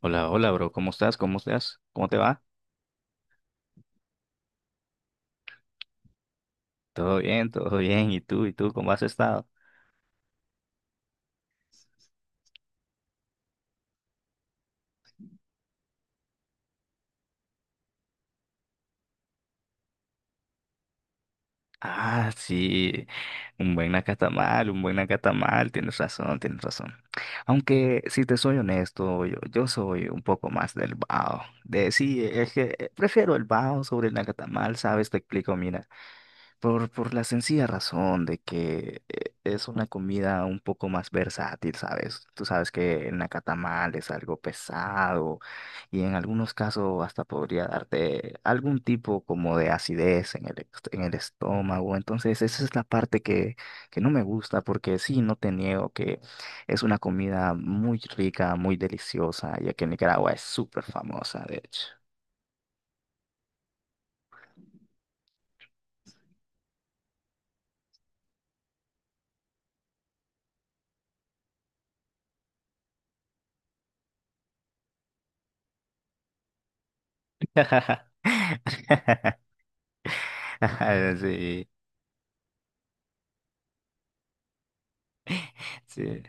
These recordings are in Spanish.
Hola, hola, bro. ¿Cómo estás? ¿Cómo estás? ¿Cómo te va? Todo bien, todo bien. ¿Y tú? ¿Y tú? ¿Cómo has estado? Ah, sí. Un buen nacatamal, un buen nacatamal. Tienes razón, tienes razón. Aunque, si te soy honesto, yo soy un poco más del bao. De sí, es que prefiero el bao sobre el nacatamal, ¿sabes? Te explico, mira. Por la sencilla razón de que es una comida un poco más versátil, ¿sabes? Tú sabes que el nacatamal es algo pesado y en algunos casos hasta podría darte algún tipo como de acidez en en el estómago. Entonces, esa es la parte que no me gusta porque sí, no te niego que es una comida muy rica, muy deliciosa, ya que Nicaragua es súper famosa, de hecho. Sí, sí.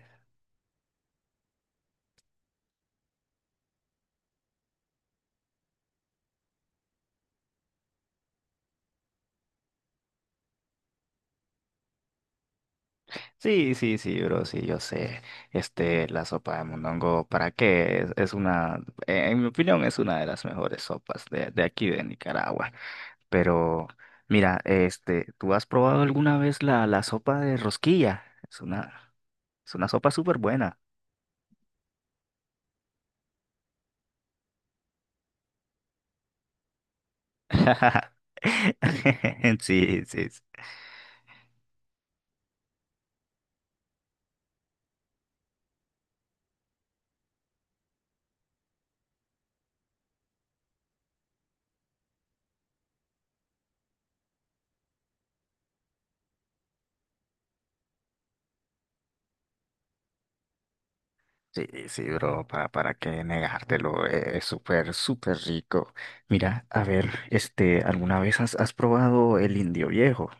Sí, sí, sí, bro, sí, yo sé. Este, la sopa de mondongo, ¿para qué? Es una, en mi opinión, es una de las mejores sopas de aquí de Nicaragua. Pero, mira, este, ¿tú has probado alguna vez la sopa de rosquilla? Es una, es una sopa súper buena. Sí, sí, sí. Sí, sí, bro, para qué negártelo, es súper, súper rico. Mira, a ver, este, ¿alguna vez has probado el indio viejo?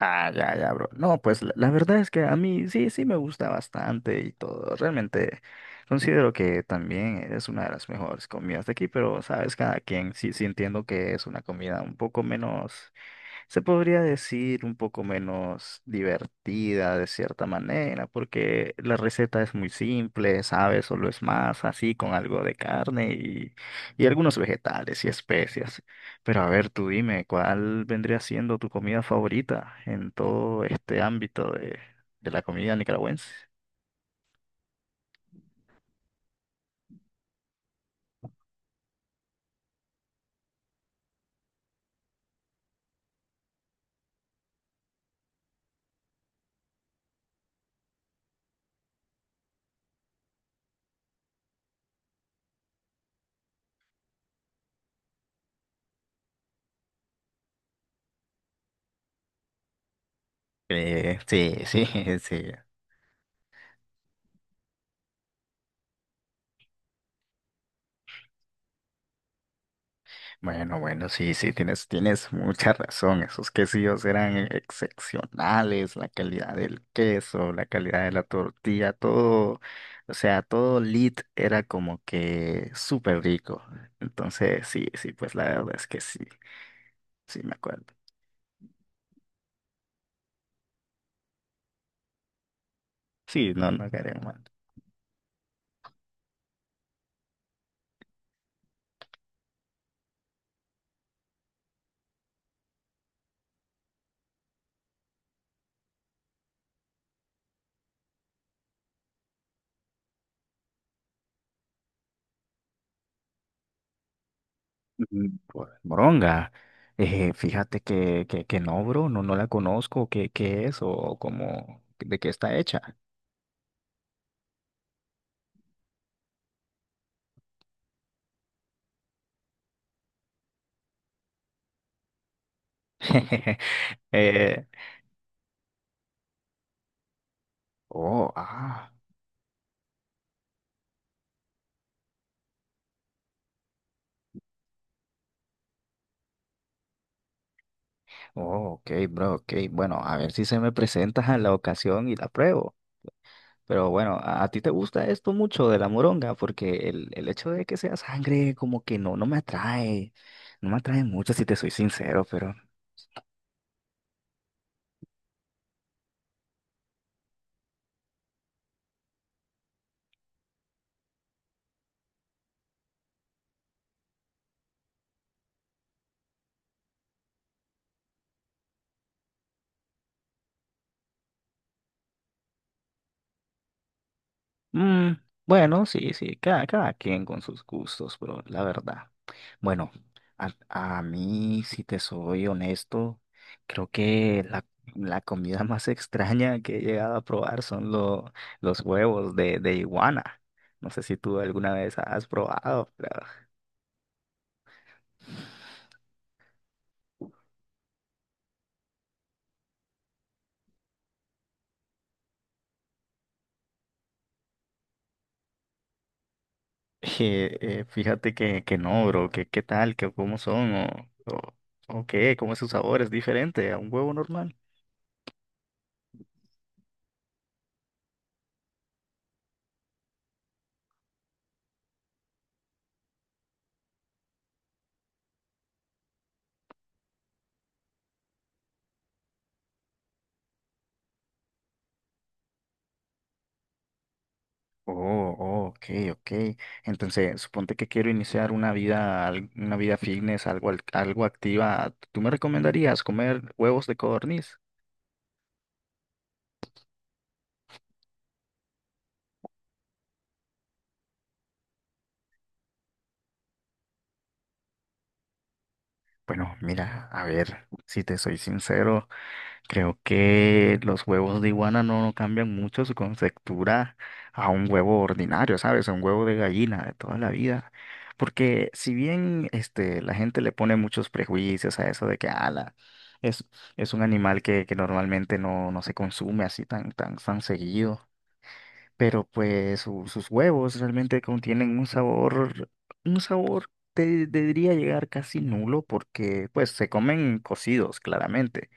Ah, ya, ya, bro. No, pues la verdad es que a mí sí, sí me gusta bastante y todo. Realmente considero que también es una de las mejores comidas de aquí, pero sabes, cada quien sí, sí entiendo que es una comida un poco menos se podría decir un poco menos divertida de cierta manera, porque la receta es muy simple, ¿sabes? Solo es masa, así, con algo de y algunos vegetales y especias. Pero a ver, tú dime, ¿cuál vendría siendo tu comida favorita en todo este ámbito de la comida nicaragüense? Sí, sí, sí. Bueno, bueno, sí, sí, tienes mucha razón. Esos quesillos eran e, excepcionales, la calidad del queso, la calidad de la tortilla, todo, o sea, todo lit era como que súper rico. Entonces, sí, sí, pues la verdad es que sí, sí me acuerdo. Sí, no, no quería mal. Mm, pues, moronga, fíjate que no, bro, no, no la conozco, ¿qué, qué es o cómo, de qué está hecha? Eh, oh, ah. Oh, ok, bro, ok. Bueno, a ver si se me presenta a la ocasión y la pruebo. Pero bueno, a ti te gusta esto mucho de la moronga, porque el hecho de que sea sangre como que no, no me atrae. No me atrae mucho si te soy sincero, pero... Mm, bueno, sí, sí, cada quien con sus gustos, bro, la verdad. Bueno, a, a mí, si te soy honesto, creo que la comida más extraña que he llegado a probar los huevos de iguana. No sé si tú alguna vez has probado, pero... fíjate que no, bro, que qué tal, que cómo son o qué, cómo es su sabor, es diferente a un huevo normal. Oh, oh, ok, ok. Entonces, suponte que quiero iniciar una vida, una vida fitness, algo, algo activa. ¿Tú me recomendarías comer huevos de codorniz? Bueno, mira, a ver, si te soy sincero. Creo que los huevos de iguana no, no cambian mucho su conceptura a un huevo ordinario, ¿sabes? A un huevo de gallina de toda la vida. Porque si bien este, la gente le pone muchos prejuicios a eso de que ala, es, es un animal que normalmente no, no se consume así tan, tan, tan seguido, pero pues sus huevos realmente contienen un sabor, te diría llegar casi nulo porque pues se comen cocidos, claramente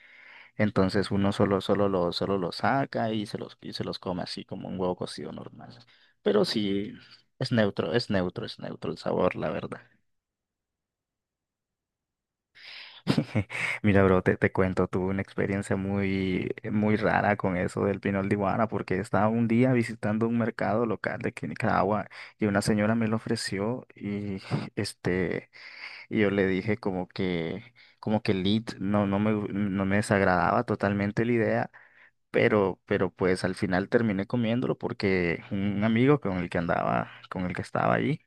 entonces uno solo, solo lo saca y se los come así como un huevo cocido normal. Pero sí, es neutro, es neutro, es neutro el sabor, la verdad. Mira, bro, te cuento, tuve una experiencia muy, muy rara con eso del pinol de iguana, porque estaba un día visitando un mercado local de aquí en Nicaragua y una señora me lo ofreció y este, y yo le dije como que el lead no, no me, no me desagradaba totalmente la idea pero pues al final terminé comiéndolo porque un amigo con el que andaba, con el que estaba allí,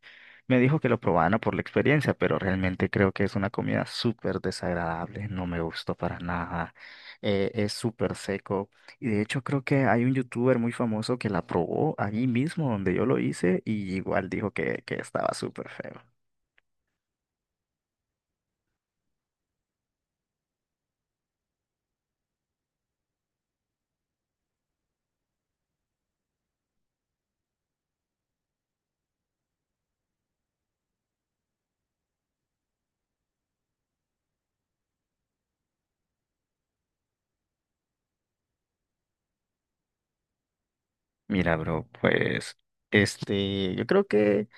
me dijo que lo probara por la experiencia, pero realmente creo que es una comida súper desagradable, no me gustó para nada, es súper seco y de hecho creo que hay un youtuber muy famoso que la probó allí mismo donde yo lo hice y igual dijo que estaba súper feo. Mira, bro, pues este, yo creo que...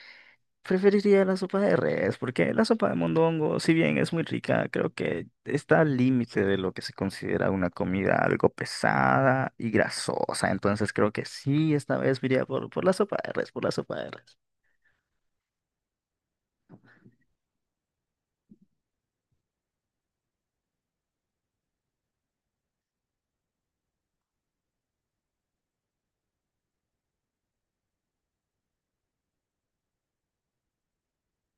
Preferiría la sopa de res, porque la sopa de mondongo, si bien es muy rica, creo que está al límite de lo que se considera una comida algo pesada y grasosa. Entonces creo que sí, esta vez me iría por la sopa de res, por la sopa de res.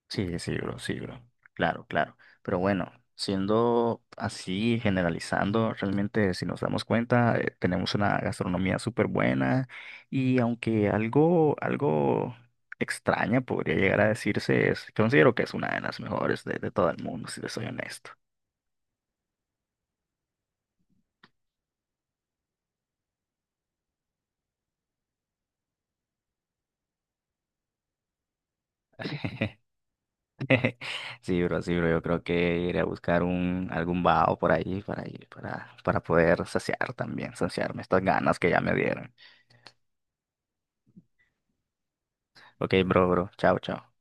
Sí, sí, bro, sí, bro. Claro, claro. Pero bueno, siendo así, generalizando, realmente si nos damos cuenta, tenemos una gastronomía súper buena y aunque algo, algo extraña podría llegar a decirse, es, considero que es una de las mejores de todo el mundo, si te soy honesto. Sí, bro, yo creo que iré a buscar un, algún vaho por ahí para, para poder saciar también, saciarme estas ganas que ya me dieron. Ok, bro, bro, chao, chao.